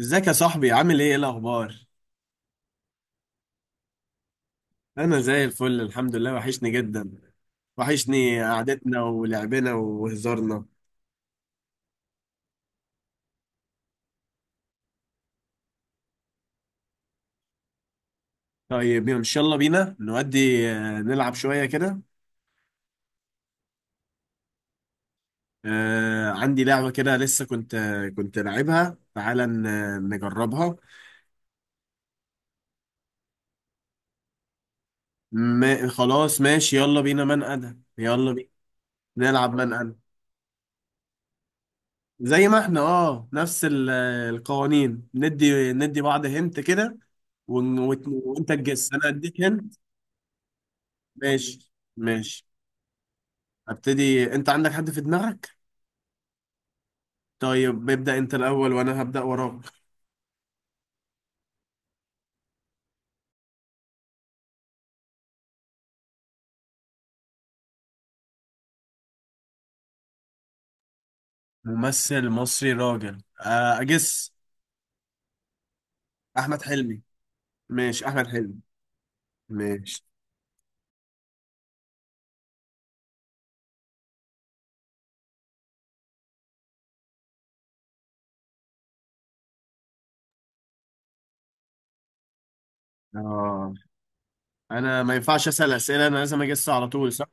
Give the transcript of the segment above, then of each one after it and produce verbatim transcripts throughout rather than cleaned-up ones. ازيك يا صاحبي؟ عامل ايه؟ ايه الاخبار؟ انا زي الفل الحمد لله. وحشني جدا، وحشني قعدتنا ولعبنا وهزارنا. طيب ان شاء الله بينا نودي آه، نلعب شويه كده. آه، عندي لعبه كده لسه كنت آه، كنت لعبها، تعالى ن- نجربها. ما خلاص ماشي، يلا بينا، من انا، يلا بينا، نلعب من انا. زي ما احنا، اه، نفس ال- آه، القوانين، ندي ندي بعض هنت كده، ون- وت- وانت تجس انا اديك هنت. ماشي. ماشي، هبتدي. انت عندك حد في دماغك؟ طيب ابدأ انت الاول وانا هبدأ وراك. ممثل مصري راجل، آه، اجس. احمد حلمي. ماشي احمد حلمي. ماشي. اه، انا ما ينفعش اسأل اسئلة، انا لازم اجس على طول، صح؟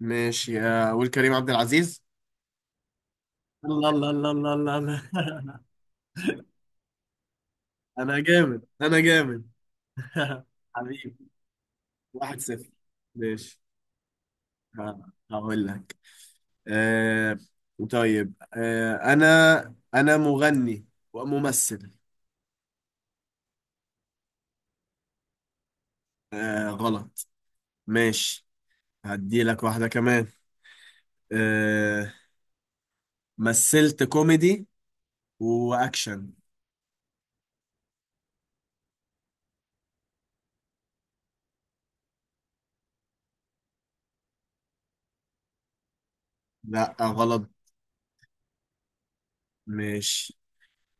ماشي، آه، اقول كريم عبد العزيز. الله الله الله الله الله الله. انا جامد، انا جامد. حبيبي، واحد صفر. ماشي. آه، هقول لك. آه، طيب، آه، انا انا مغني وممثل. آه غلط. ماشي، هدي لك واحدة كمان. آه، مثلت كوميدي واكشن. لا غلط. ماشي.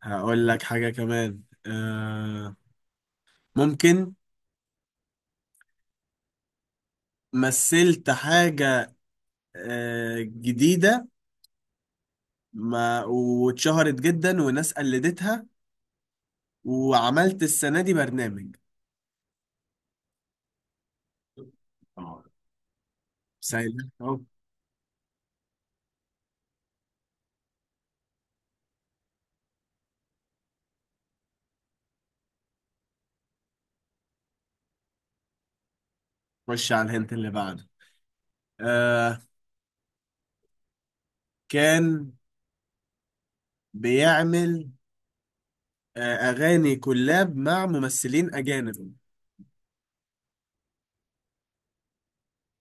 هقول لك حاجة كمان، آه، ممكن، مثلت حاجة آه جديدة، ما واتشهرت جدا وناس قلدتها، وعملت السنة دي برنامج. آه، سهل. خش على الهنت اللي بعده. آه، كان بيعمل آه أغاني كولاب مع ممثلين أجانب.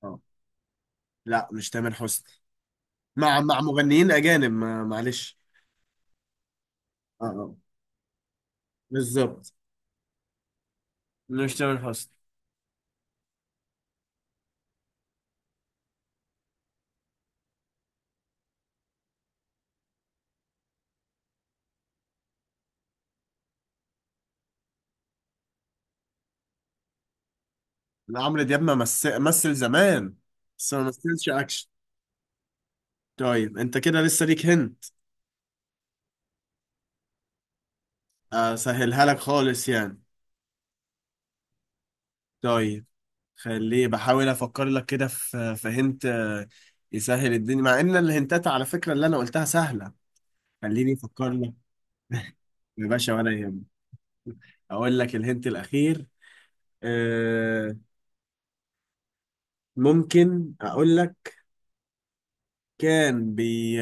اه، لا مش تامر حسني، مع مع مغنيين أجانب، ما معلش. اه اه، بالظبط. مش تامر حسني. لا، عمرو دياب ما مس- مثل زمان، بس ما مثلش أكشن. طيب أنت كده لسه ليك هنت. آه سهلها لك خالص يعني. طيب خليه، بحاول أفكر لك كده في في هنت آه، يسهل الدنيا، مع إن الهنتات على فكرة اللي أنا قلتها سهلة. خليني افكر لك. يا باشا ولا يهمك، اقول لك الهنت الاخير. آه ممكن اقول لك، كان بي،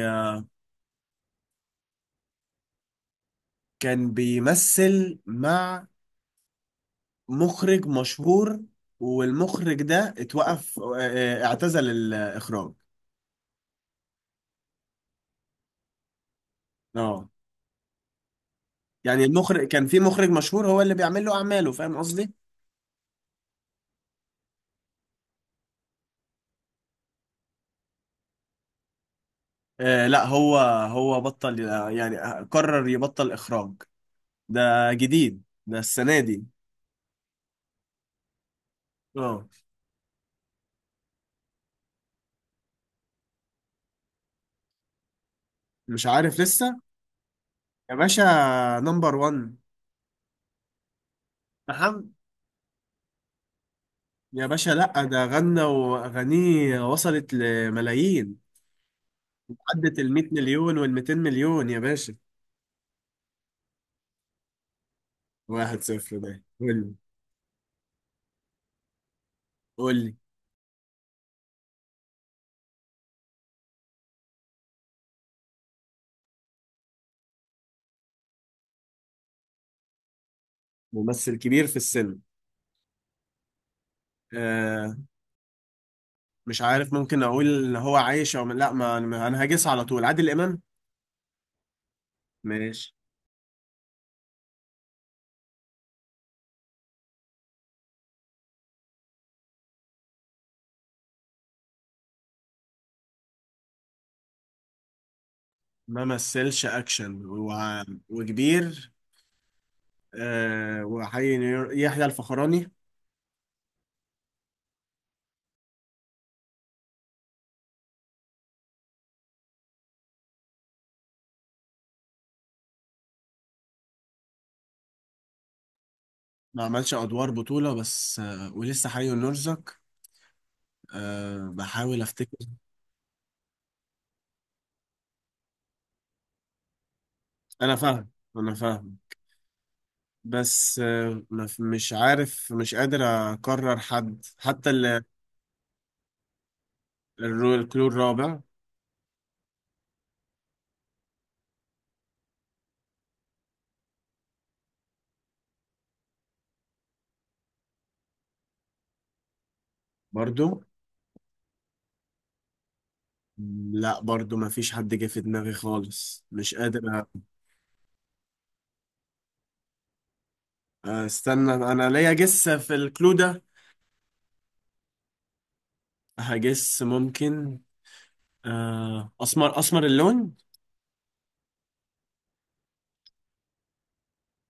كان بيمثل مع مخرج مشهور، والمخرج ده اتوقف، آه آه، اعتزل الاخراج. اه، يعني المخرج، كان في مخرج مشهور هو اللي بيعمل له اعماله، فاهم قصدي؟ آه لا هو، هو بطل، آه، يعني قرر يبطل اخراج. ده جديد، ده السنة دي. اه مش عارف لسه. يا باشا، نمبر واحد محمد. يا باشا لا ده غنى واغانيه وصلت لملايين، عدت ال مئة مليون وال ميتين مليون يا باشا. واحد صفر. ده قول لي، قول لي. ممثل كبير في السن. آه مش عارف، ممكن اقول ان هو عايش او لا. ما ما- انا هجس على طول، عادل امام. ماشي. ما مثلش اكشن و... وكبير. آه، وحي، نيو- يحيى الفخراني. ما عملش ادوار بطولة بس آه، ولسه حي ونرزق. أه بحاول افتكر. انا فاهم، انا فاهم، بس أه ما في- مش عارف، مش قادر اقرر حد حتى ال- الرو- الكلور الرابع. برضو. لا برضو ما فيش حد جه في دماغي خالص، مش قادر أ- استنى، انا ليا جس في الكلو ده. هجس ممكن. أه اسمر، اسمر اللون.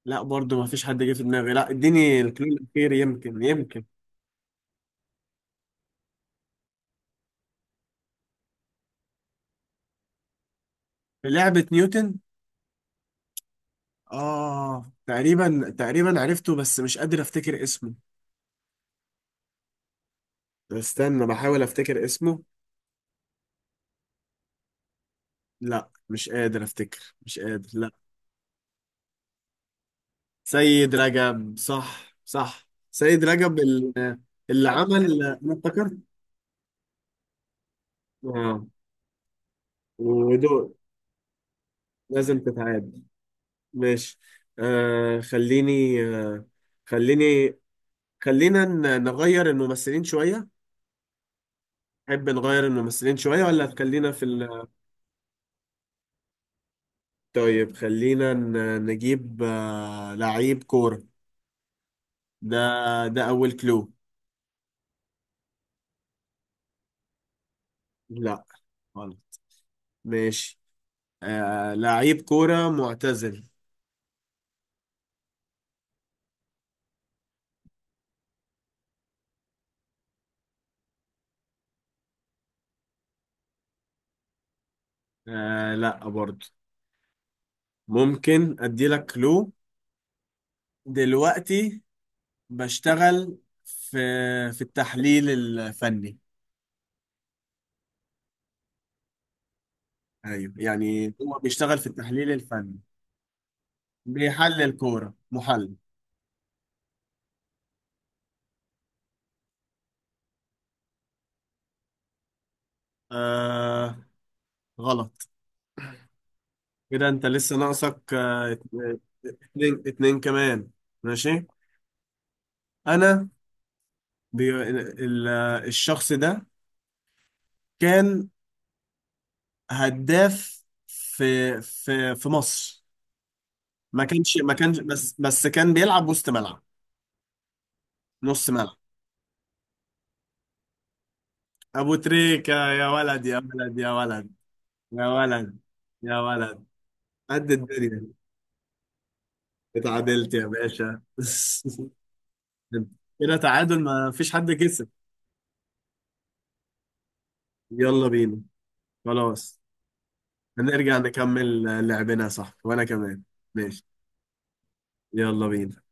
لا برضو ما فيش حد جه في دماغي، لا اديني الكلو الاخير يمكن يمكن. في لعبة نيوتن؟ آه تقريبا تقريبا عرفته، بس مش قادر أفتكر اسمه. طب استنى، بحاول أفتكر اسمه. لا مش قادر أفتكر، مش قادر، لا. سيد رجب، صح صح، سيد رجب ال-، اللي عمل، أنا افتكرت. آه ودول لازم تتعاد. ماشي. آه خليني آه، خليني، خلينا ن- نغير الممثلين شوية. تحب نغير الممثلين شوية ولا خلينا في ال...؟ طيب خلينا ن- نجيب آه، لعيب كورة. ده، ده أول كلو. لا غلط. ماشي. آه لعيب كورة معتزل. آه لا برضه. ممكن أدي لك كلو، دلوقتي بشتغل في في التحليل الفني. أيوه يعني هو بيشتغل في التحليل الفني، بيحلل كورة، محلل. آه غلط. كده أنت لسه ناقصك آه اتنين، اتنين كمان. ماشي. أنا، بي ال-، الشخص ده كان هداف في في في مصر، ما كانش ما كانش بس بس كان بيلعب وسط ملعب، نص ملعب. ابو تريكة! يا ولد يا ولد يا ولد، يا ولد يا ولد، قد الدنيا. اتعادلت يا باشا. كده تعادل، ما فيش حد كسب. يلا بينا، خلاص. هنرجع نكمل لعبنا، صح، وانا كمان. ماشي، يلا بينا.